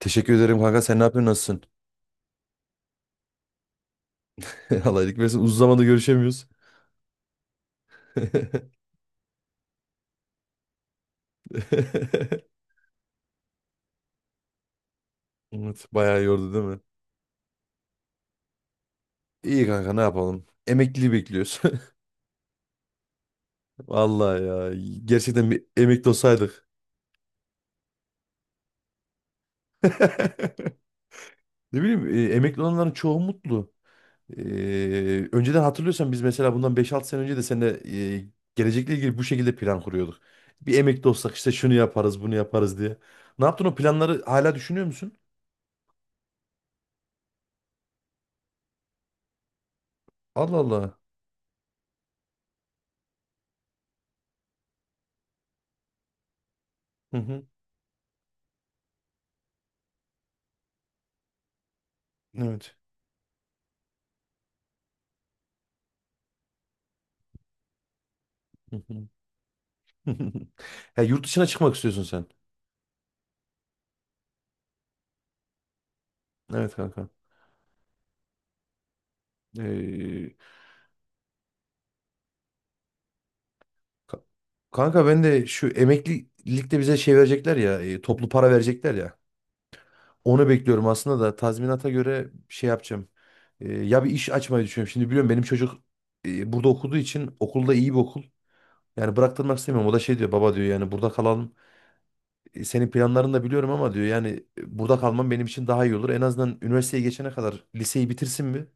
Teşekkür ederim kanka. Sen ne yapıyorsun? Nasılsın? Allah iyilik versin. Uzun zamandır görüşemiyoruz. Evet, bayağı yordu değil mi? İyi kanka, ne yapalım? Emekliliği bekliyoruz. Vallahi ya. Gerçekten bir emekli olsaydık. Ne bileyim, emekli olanların çoğu mutlu. Önceden hatırlıyorsan biz mesela bundan 5-6 sene önce de seninle gelecekle ilgili bu şekilde plan kuruyorduk. Bir emekli olsak işte şunu yaparız bunu yaparız diye. Ne yaptın o planları hala düşünüyor musun? Allah Allah. Hı hı. Evet. Ya yurt dışına çıkmak istiyorsun sen. Evet kanka. Ee, ka- Kanka ben de şu emeklilikte bize şey verecekler ya, toplu para verecekler ya. Onu bekliyorum aslında da tazminata göre şey yapacağım. Ya bir iş açmayı düşünüyorum. Şimdi biliyorum, benim çocuk burada okuduğu için, okulda iyi bir okul. Yani bıraktırmak istemiyorum. O da şey diyor, baba diyor yani burada kalalım. E, senin planlarını da biliyorum ama diyor, yani burada kalmam benim için daha iyi olur. En azından üniversiteye geçene kadar liseyi bitirsin mi?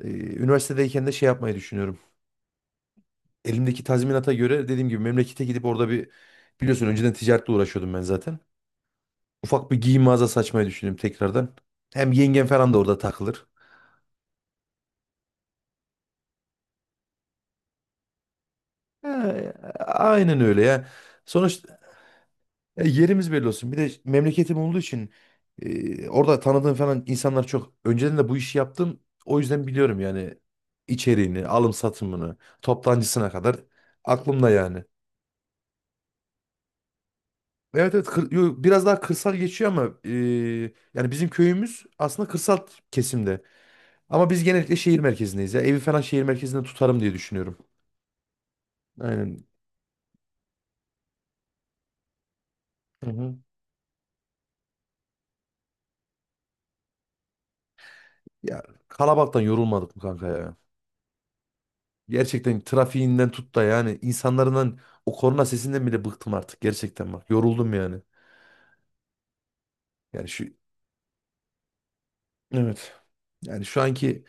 Ee, Üniversitedeyken de şey yapmayı düşünüyorum. Elimdeki tazminata göre dediğim gibi memlekete gidip orada bir, biliyorsun önceden ticaretle uğraşıyordum ben zaten. Ufak bir giyim mağazası açmayı düşündüm tekrardan. Hem yengem falan da orada takılır. Ee, aynen öyle ya. Sonuçta yerimiz belli olsun. Bir de memleketim olduğu için orada tanıdığım falan insanlar çok. Önceden de bu işi yaptım. O yüzden biliyorum yani, içeriğini, alım satımını, toptancısına kadar aklımda yani. Evet, evet, yo, biraz daha kırsal geçiyor ama yani bizim köyümüz aslında kırsal kesimde. Ama biz genellikle şehir merkezindeyiz ya. Evi falan şehir merkezinde tutarım diye düşünüyorum. Aynen. Hı hı. Ya kalabalıktan yorulmadık mı kanka ya? Gerçekten trafiğinden tut da yani insanların o korna sesinden bile bıktım artık, gerçekten bak. Yoruldum yani. Yani şu, evet, yani şu anki,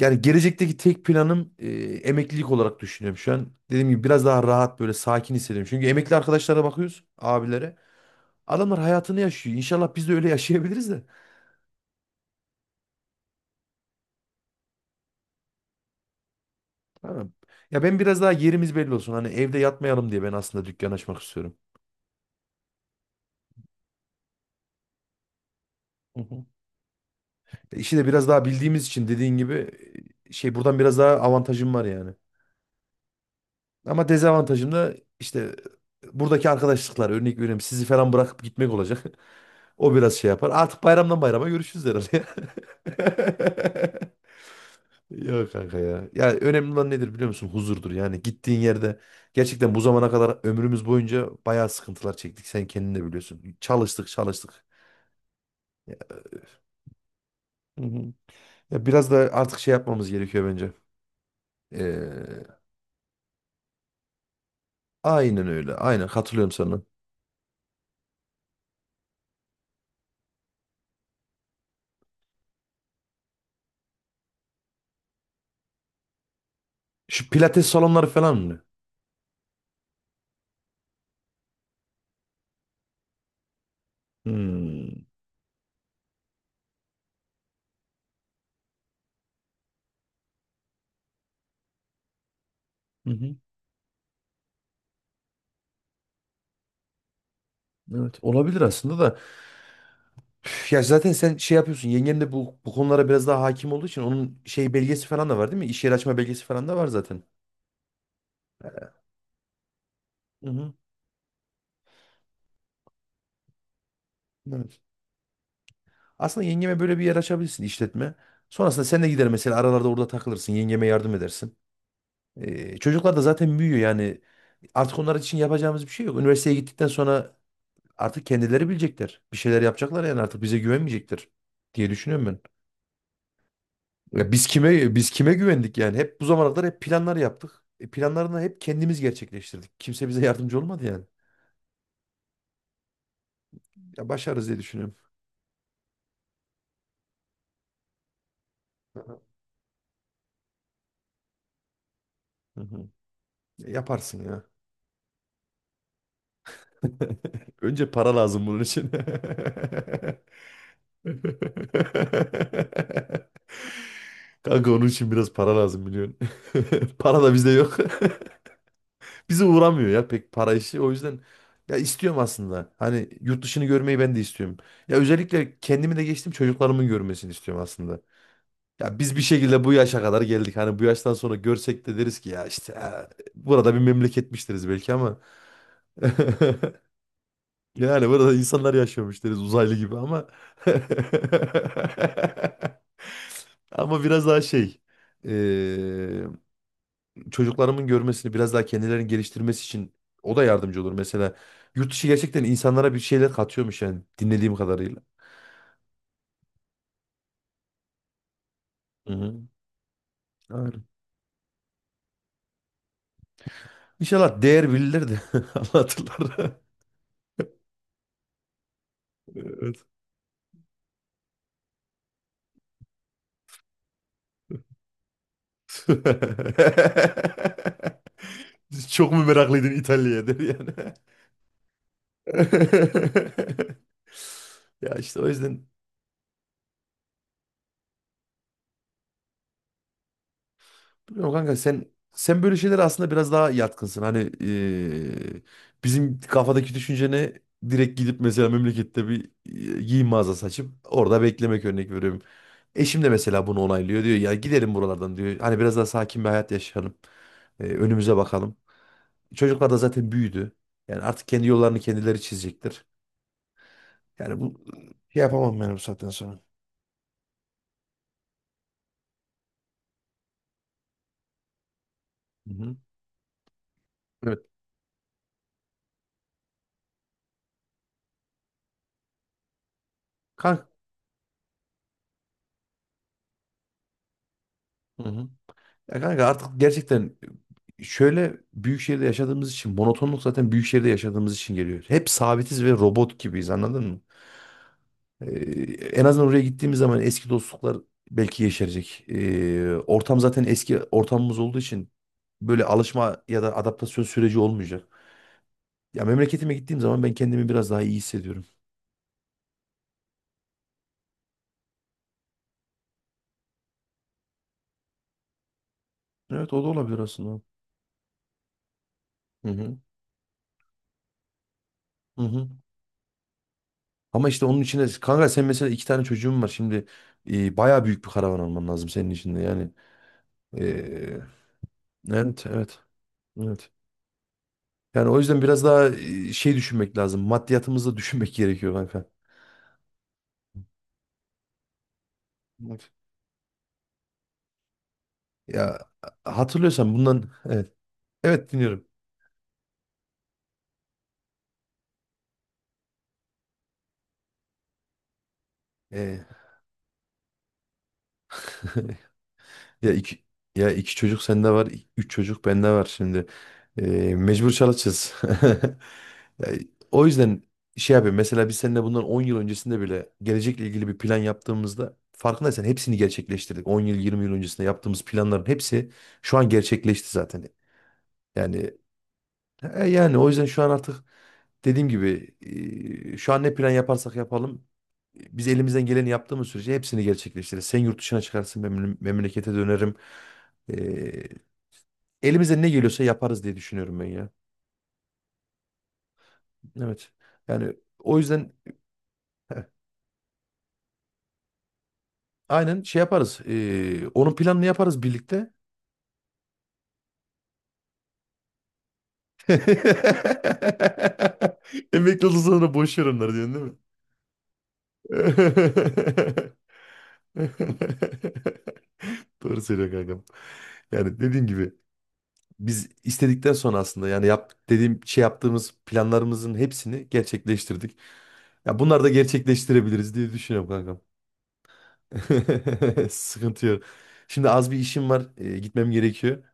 yani gelecekteki tek planım, emeklilik olarak düşünüyorum şu an. Dediğim gibi biraz daha rahat, böyle sakin hissediyorum. Çünkü emekli arkadaşlara bakıyoruz, abilere. Adamlar hayatını yaşıyor. İnşallah biz de öyle yaşayabiliriz de. Tamam. Ya ben biraz daha yerimiz belli olsun, hani evde yatmayalım diye ben aslında dükkan açmak istiyorum. Hı hı. İşi de biraz daha bildiğimiz için, dediğin gibi, şey, buradan biraz daha avantajım var yani. Ama dezavantajım da işte, buradaki arkadaşlıklar, örnek veriyorum sizi falan bırakıp gitmek olacak. O biraz şey yapar. Artık bayramdan bayrama görüşürüz herhalde. Yok kanka ya. Ya önemli olan nedir biliyor musun? Huzurdur. Yani gittiğin yerde gerçekten, bu zamana kadar ömrümüz boyunca bayağı sıkıntılar çektik. Sen kendin de biliyorsun. Çalıştık, çalıştık. Ya, hı hı. Ya biraz da artık şey yapmamız gerekiyor bence. Ee, aynen öyle. Aynen katılıyorum sana. Şu pilates salonları falan mı? Hmm. Hı hı. Evet, olabilir aslında da. Üf, ya zaten sen şey yapıyorsun. Yengen de bu konulara biraz daha hakim olduğu için, onun şey belgesi falan da var değil mi? İş yeri açma belgesi falan da var zaten. Hı hı. Evet. Aslında yengeme böyle bir yer açabilirsin, işletme. Sonrasında sen de gider mesela, aralarda orada takılırsın. Yengeme yardım edersin. Çocuklar da zaten büyüyor yani. Artık onlar için yapacağımız bir şey yok. Üniversiteye gittikten sonra artık kendileri bilecekler. Bir şeyler yapacaklar yani, artık bize güvenmeyecektir diye düşünüyorum ben. Ya biz kime güvendik yani? Hep bu zamana kadar hep planlar yaptık. E, planlarını hep kendimiz gerçekleştirdik. Kimse bize yardımcı olmadı yani. Ya başarırız diye düşünüyorum. Hı hı. Hı hı. Yaparsın ya. Önce para lazım bunun için. Kanka, onun için biraz para lazım biliyorsun. Para da bizde yok. Bizi uğramıyor ya pek para işi. O yüzden, ya istiyorum aslında. Hani yurt dışını görmeyi ben de istiyorum. Ya özellikle kendimi de geçtim, çocuklarımın görmesini istiyorum aslında. Ya biz bir şekilde bu yaşa kadar geldik. Hani bu yaştan sonra görsek de deriz ki ya işte, ha, burada bir memleketmiştiriz belki ama yani burada insanlar yaşıyormuş deriz uzaylı gibi ama ama biraz daha şey, eee, çocuklarımın görmesini, biraz daha kendilerini geliştirmesi için o da yardımcı olur. Mesela yurt dışı gerçekten insanlara bir şeyler katıyormuş yani, dinlediğim kadarıyla. Hı hı. Aynen. İnşallah değer bilirler de anlatırlar. Evet. Çok mu meraklıydın İtalya'ya der yani. Ya işte o yüzden, bilmiyorum kanka, sen böyle şeylere aslında biraz daha yatkınsın. Hani, bizim kafadaki düşüncene direkt gidip mesela memlekette bir giyim mağazası açıp orada beklemek, örnek veriyorum. Eşim de mesela bunu onaylıyor, diyor ya gidelim buralardan diyor. Hani biraz daha sakin bir hayat yaşayalım. Önümüze bakalım. Çocuklar da zaten büyüdü. Yani artık kendi yollarını kendileri çizecektir. Yani bu, şey yapamam ben bu saatten sonra. Hı hı. Evet. Kanka. Ya kanka, artık gerçekten, şöyle büyük şehirde yaşadığımız için monotonluk, zaten büyük şehirde yaşadığımız için geliyor. Hep sabitiz ve robot gibiyiz, anladın mı? Ee, En azından oraya gittiğimiz zaman eski dostluklar belki yeşerecek. Ortam zaten eski ortamımız olduğu için böyle alışma ya da adaptasyon süreci olmayacak. Ya memleketime gittiğim zaman ben kendimi biraz daha iyi hissediyorum. Evet, o da olabilir aslında. Hı hı. Hı hı. Ama işte onun içine kanka, sen mesela iki tane çocuğun var şimdi, bayağı büyük bir karavan alman lazım senin için de yani. Ee, evet, evet, evet. Yani o yüzden biraz daha şey düşünmek lazım. Maddiyatımızı düşünmek gerekiyor kanka. Evet. Ya hatırlıyorsan bundan, evet, evet, dinliyorum. Ee, ya iki ya iki çocuk sende var, üç çocuk bende var şimdi. Mecbur çalışacağız. Ya, o yüzden şey yapıyorum. Mesela biz seninle bundan 10 yıl öncesinde bile gelecekle ilgili bir plan yaptığımızda, farkındaysan hepsini gerçekleştirdik. 10 yıl, 20 yıl öncesinde yaptığımız planların hepsi şu an gerçekleşti zaten. Yani, yani o yüzden şu an artık, dediğim gibi, şu an ne plan yaparsak yapalım, biz elimizden geleni yaptığımız sürece hepsini gerçekleştiririz. Sen yurt dışına çıkarsın, ben memlekete dönerim. E, Elimize ne geliyorsa yaparız diye düşünüyorum ben ya. Evet. Yani o yüzden, heh, aynen şey yaparız, onun planını yaparız birlikte. Emekli olduktan sonra boşver onları diyorsun değil mi? Doğru söylüyor kankam. Yani dediğim gibi, biz istedikten sonra aslında yani dediğim şey yaptığımız planlarımızın hepsini gerçekleştirdik. Ya bunları da gerçekleştirebiliriz diye düşünüyorum kankam. Sıkıntı yok. Şimdi az bir işim var, gitmem gerekiyor.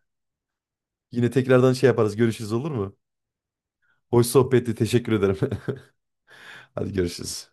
Yine tekrardan şey yaparız. Görüşürüz, olur mu? Hoş sohbetti. Teşekkür ederim. Hadi görüşürüz.